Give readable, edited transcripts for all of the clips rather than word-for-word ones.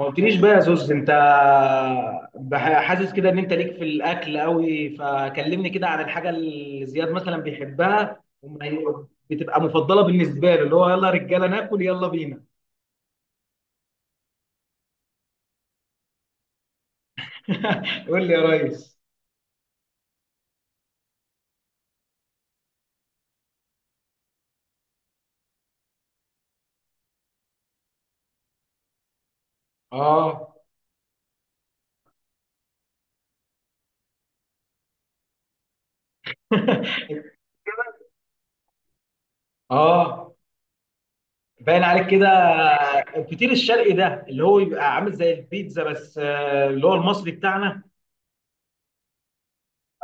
ما قلتليش بقى يا زوز. انت حاسس كده ان انت ليك في الاكل قوي. فكلمني كده عن الحاجه اللي زياد مثلا بيحبها، وما بتبقى مفضله بالنسبه له، اللي هو يلا يا رجاله ناكل، يلا بينا. قول لي يا ريس. اه، اه، باين عليك كده. الفطير الشرقي ده اللي هو بيبقى عامل زي البيتزا بس، اللي هو المصري بتاعنا.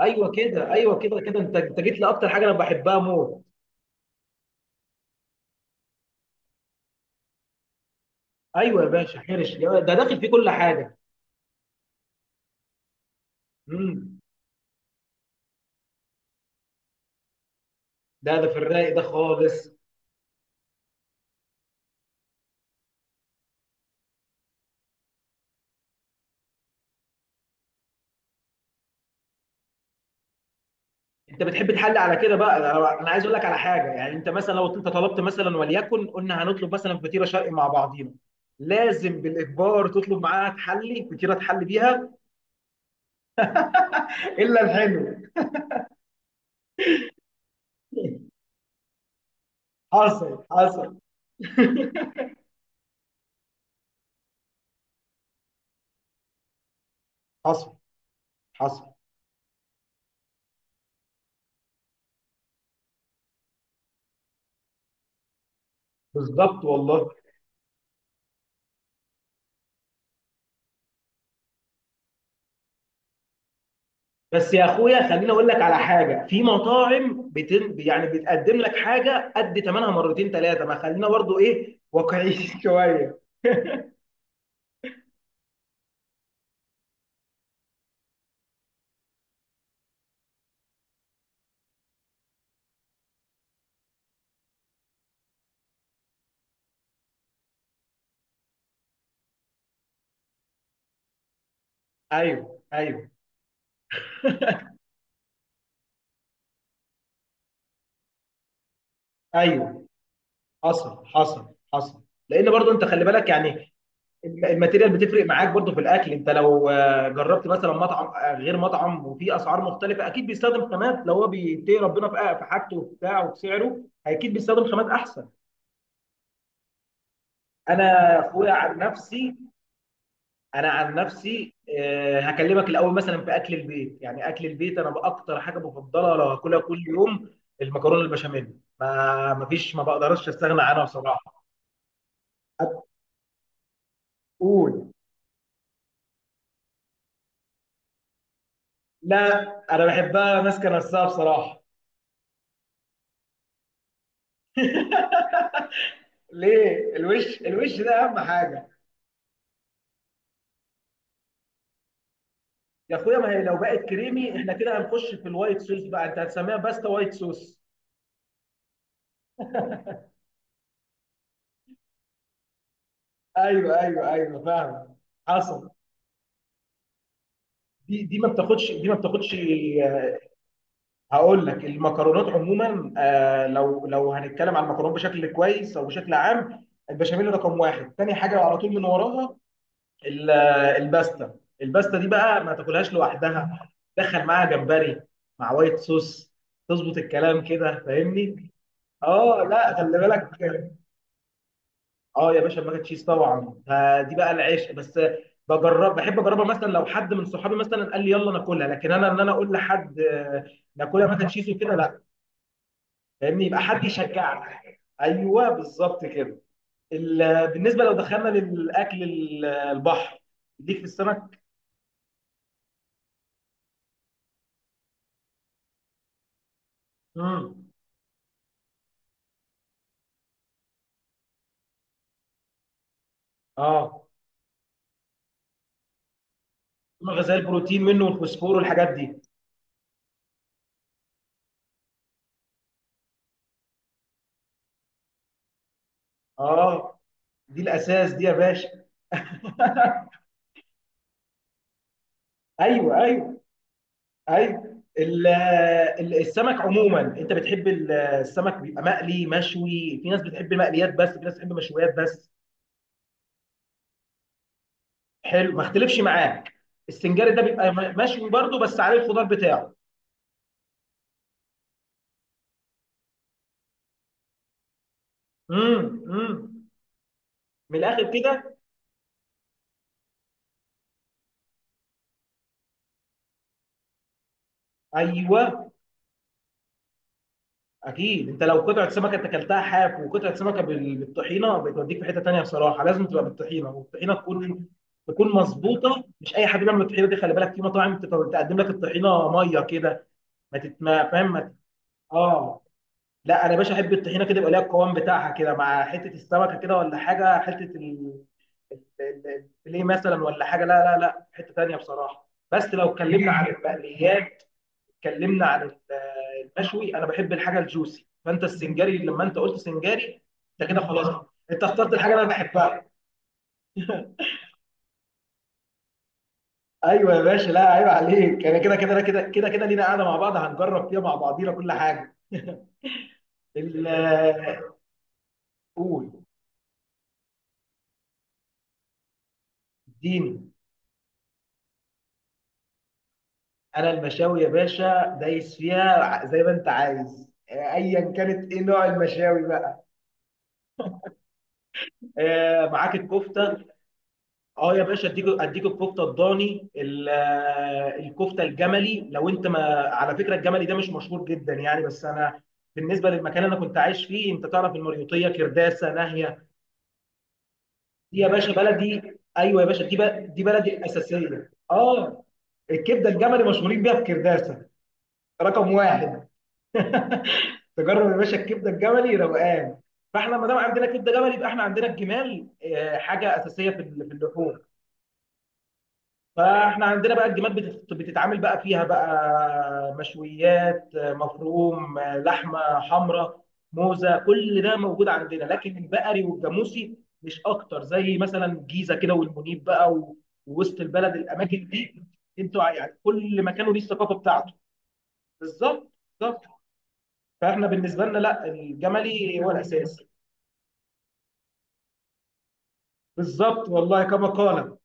ايوه كده، ايوه كده، كده انت جيت لاكتر حاجه انا بحبها موت. ايوه يا باشا، حرش ده داخل فيه كل حاجه. مم. ده في الرايق ده خالص. انت بتحب تحل على كده بقى. انا عايز اقول لك على حاجه، يعني انت مثلا لو انت طلبت مثلا، وليكن قلنا هنطلب مثلا فطيره شرقي مع بعضينا، لازم بالاجبار تطلب معاها تحلي، فطيره تحلي بيها. الا الحلو. حصل، حصل. حصل، حصل. بالظبط والله. بس يا اخويا خليني اقول لك على حاجه. في مطاعم يعني بتقدم لك حاجه قد ثمنها مرتين ثلاثه، ما خلينا برضو ايه، واقعيين شويه. ايوه، ايوه، ايوه، حصل، حصل، حصل. لان برضو انت خلي بالك يعني، الماتيريال بتفرق معاك برضو في الاكل. انت لو جربت مثلا مطعم، غير مطعم، وفي اسعار مختلفه، اكيد بيستخدم خامات. لو هو بيتقي ربنا في في حاجته وبتاع وبسعره، اكيد بيستخدم خامات احسن. انا اخويا عن نفسي، انا عن نفسي هكلمك الاول مثلا في اكل البيت. يعني اكل البيت، انا باكتر حاجه بفضلها لو هاكلها كل يوم المكرونه البشاميل. ما مفيش، ما بقدرش استغنى عنها بصراحه. قول. لا انا بحبها ماسكه نفسها بصراحه. ليه؟ الوش ده اهم حاجه. يا اخويا ما هي لو بقت كريمي احنا كده هنخش في الوايت صوص بقى، انت هتسميها باستا وايت صوص. ايوه، ايوه، ايوه فاهم، حصل. دي ما بتاخدش، دي ما بتاخدش. هقول لك المكرونات عموما، آه لو هنتكلم عن المكرونات بشكل كويس او بشكل عام، البشاميل رقم واحد. تاني حاجه على طول من وراها، ال- الباستا. الباستا دي بقى ما تاكلهاش لوحدها، دخل معاها جمبري مع وايت صوص، تظبط الكلام كده، فاهمني. اه لا، خلي بالك. اه يا باشا الماك تشيز طبعا، فدي بقى العشق. بس بجرب، بحب اجربها مثلا لو حد من صحابي مثلا قال لي يلا ناكلها، لكن انا انا اقول لحد ناكلها ماك تشيز وكده، لا. فاهمني، يبقى حد يشجعني. ايوه بالظبط كده. بالنسبه لو دخلنا للاكل البحر، ليك في السمك. امم. اه، الغذاء البروتين منه والفوسفور والحاجات دي. اه دي الاساس دي يا باشا. ايوه، ايوه، ايوه. السمك عموما، انت بتحب السمك بيبقى مقلي مشوي؟ في ناس بتحب مقليات بس، في ناس بتحب مشويات بس. حلو، ما اختلفش معاك. السنجاري ده بيبقى مشوي برضه بس عليه الخضار بتاعه. امم، امم. من الاخر كده. ايوه اكيد، انت لو قطعه سمكه انت اكلتها حاف، وقطعه سمكه بالطحينه، بتوديك في حته تانيه بصراحه. لازم تبقى بالطحينه، والطحينه تكون مظبوطه. مش اي حد بيعمل الطحينه دي، خلي بالك في مطاعم تقدم لك الطحينه ميه كده. ما تت- ما فاهم ما تت- اه لا، انا يا باشا احب الطحينه كده، يبقى ليها القوام بتاعها كده مع حته السمكه كده ولا حاجه، حته الفيليه مثلا ولا حاجه، لا لا لا، حته تانيه بصراحه. بس لو اتكلمنا عن المقليات، اتكلمنا عن المشوي، انا بحب الحاجه الجوسي. فانت السنجاري لما انت قلت سنجاري، انت كده خلاص انت اخترت الحاجه اللي انا بحبها. ايوه يا باشا لا عيب عليك، انا كده لينا قاعده مع بعض هنجرب فيها مع بعضينا كل حاجه. ال- قول. اديني. انا المشاوي يا باشا دايس فيها زي ما انت عايز، ايا كانت. ايه نوع المشاوي بقى؟ معاك الكفته. اه يا باشا اديك، اديك الكفته الضاني، الكفته الجملي. لو انت ما، على فكره الجملي ده مش مشهور جدا يعني. بس انا بالنسبه للمكان اللي انا كنت عايش فيه، انت تعرف المريوطيه كرداسه ناهيه. دي يا باشا بلدي، ايوه يا باشا، دي بلدي الاساسيه. اه الكبده الجملي مشهورين بيها في كرداسه، رقم واحد. تجرب يا باشا الكبده الجملي روقان. فاحنا ما دام عندنا كبده جملي، يبقى احنا عندنا الجمال، حاجه اساسيه في في اللحوم. فاحنا عندنا بقى الجمال بتتعامل بقى فيها بقى، مشويات، مفروم، لحمه حمراء، موزه، كل ده موجود عندنا. لكن البقري والجاموسي مش اكتر، زي مثلا الجيزه كده والمنيب بقى، ووسط البلد، الاماكن دي. انتوا يعني كل مكان وليه الثقافه بتاعته. بالظبط. بالظبط. فاحنا بالنسبه لنا لا، الجملي هو الاساس. بالظبط والله كما قال.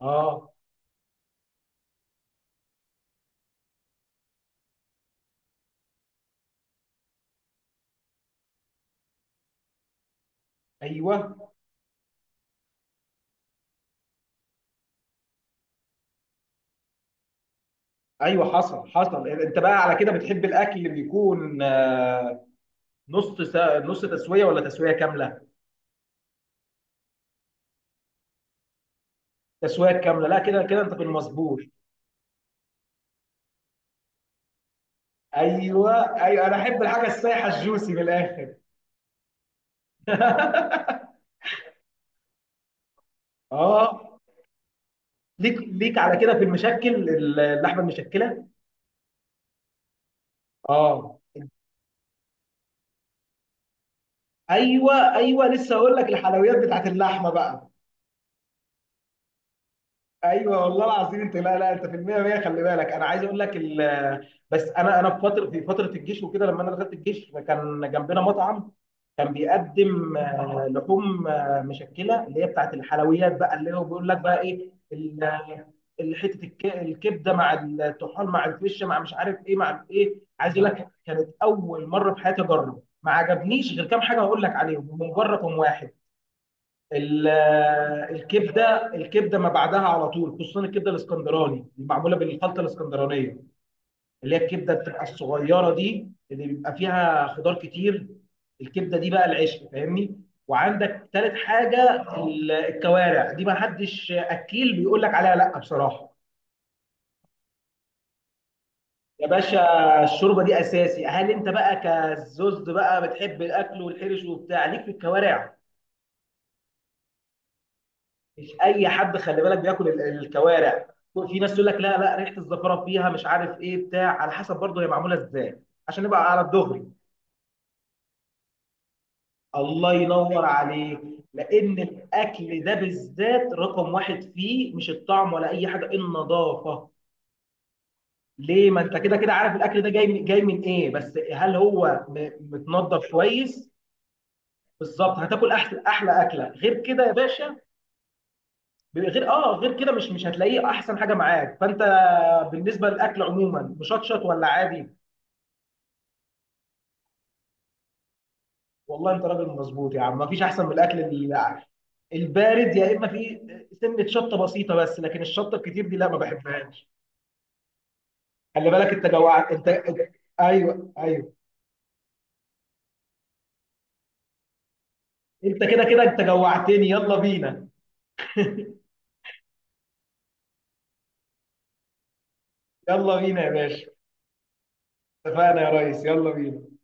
اه، ايوه، ايوه، حصل، حصل. انت بقى على كده بتحب الاكل اللي بيكون نص تسويه ولا تسويه كامله؟ تسويه كامله، لا كده كده انت في المظبوط. ايوه ايوه، انا احب الحاجه السايحه الجوسي من الاخر. اه ليك، ليك على كده في المشكل، اللحمه المشكله. اه ايوه، ايوه لسه هقول لك، الحلويات بتاعت اللحمه بقى. ايوه والله العظيم. انت لا لا، انت في المية مية، خلي بالك. انا عايز اقول لك بس انا في فتره، في فتره الجيش وكده، لما انا دخلت الجيش كان جنبنا مطعم كان بيقدم لحوم مشكله، اللي هي بتاعت الحلويات بقى. اللي هو بيقول لك بقى ايه حته الكبده مع الطحال مع الفشه مع مش عارف ايه مع ايه. عايز اقول لك كانت اول مره في حياتي اجرب، ما عجبنيش غير كام حاجه هقول لك عليهم، هم مجرد واحد، ال- الكبده. الكبده ما بعدها على طول، خصوصا الكبده الاسكندراني المعموله بالخلطه الاسكندرانيه، اللي هي الكبده بتبقى الصغيره دي اللي بيبقى فيها خضار كتير. الكبده دي بقى العشق فاهمني. وعندك تالت حاجه، الكوارع. دي ما حدش اكيل بيقول لك عليها لا بصراحه. يا باشا الشوربه دي اساسي. هل انت بقى كزوز بقى بتحب الاكل والحرش وبتاع ليك في الكوارع؟ مش اي حد خلي بالك بياكل الكوارع. في ناس تقول لك لا لا، ريحه الزفره فيها مش عارف ايه بتاع، على حسب برضه هي معموله ازاي عشان نبقى على الدغري. الله ينور عليك. لان الاكل ده بالذات رقم واحد فيه مش الطعم ولا اي حاجه، النظافه. ليه؟ ما انت كده كده عارف الاكل ده جاي من، ايه؟ بس هل هو متنضف كويس؟ بالظبط، هتاكل احلى، احلى اكله غير كده يا باشا. غير، اه غير كده، مش هتلاقيه احسن حاجه معاك. فانت بالنسبه للاكل عموما مشطشط ولا عادي؟ والله انت راجل مظبوط يا عم، مفيش احسن من الاكل البارد. يا اما في سنه شطه بسيطه بس، لكن الشطه الكتير دي لا ما بحبهاش. خلي بالك انت جوعت انت. ايوه ايوه، انت كده كده انت جوعتني، يلا بينا. يلا بينا يا باشا. اتفقنا يا ريس، يلا بينا.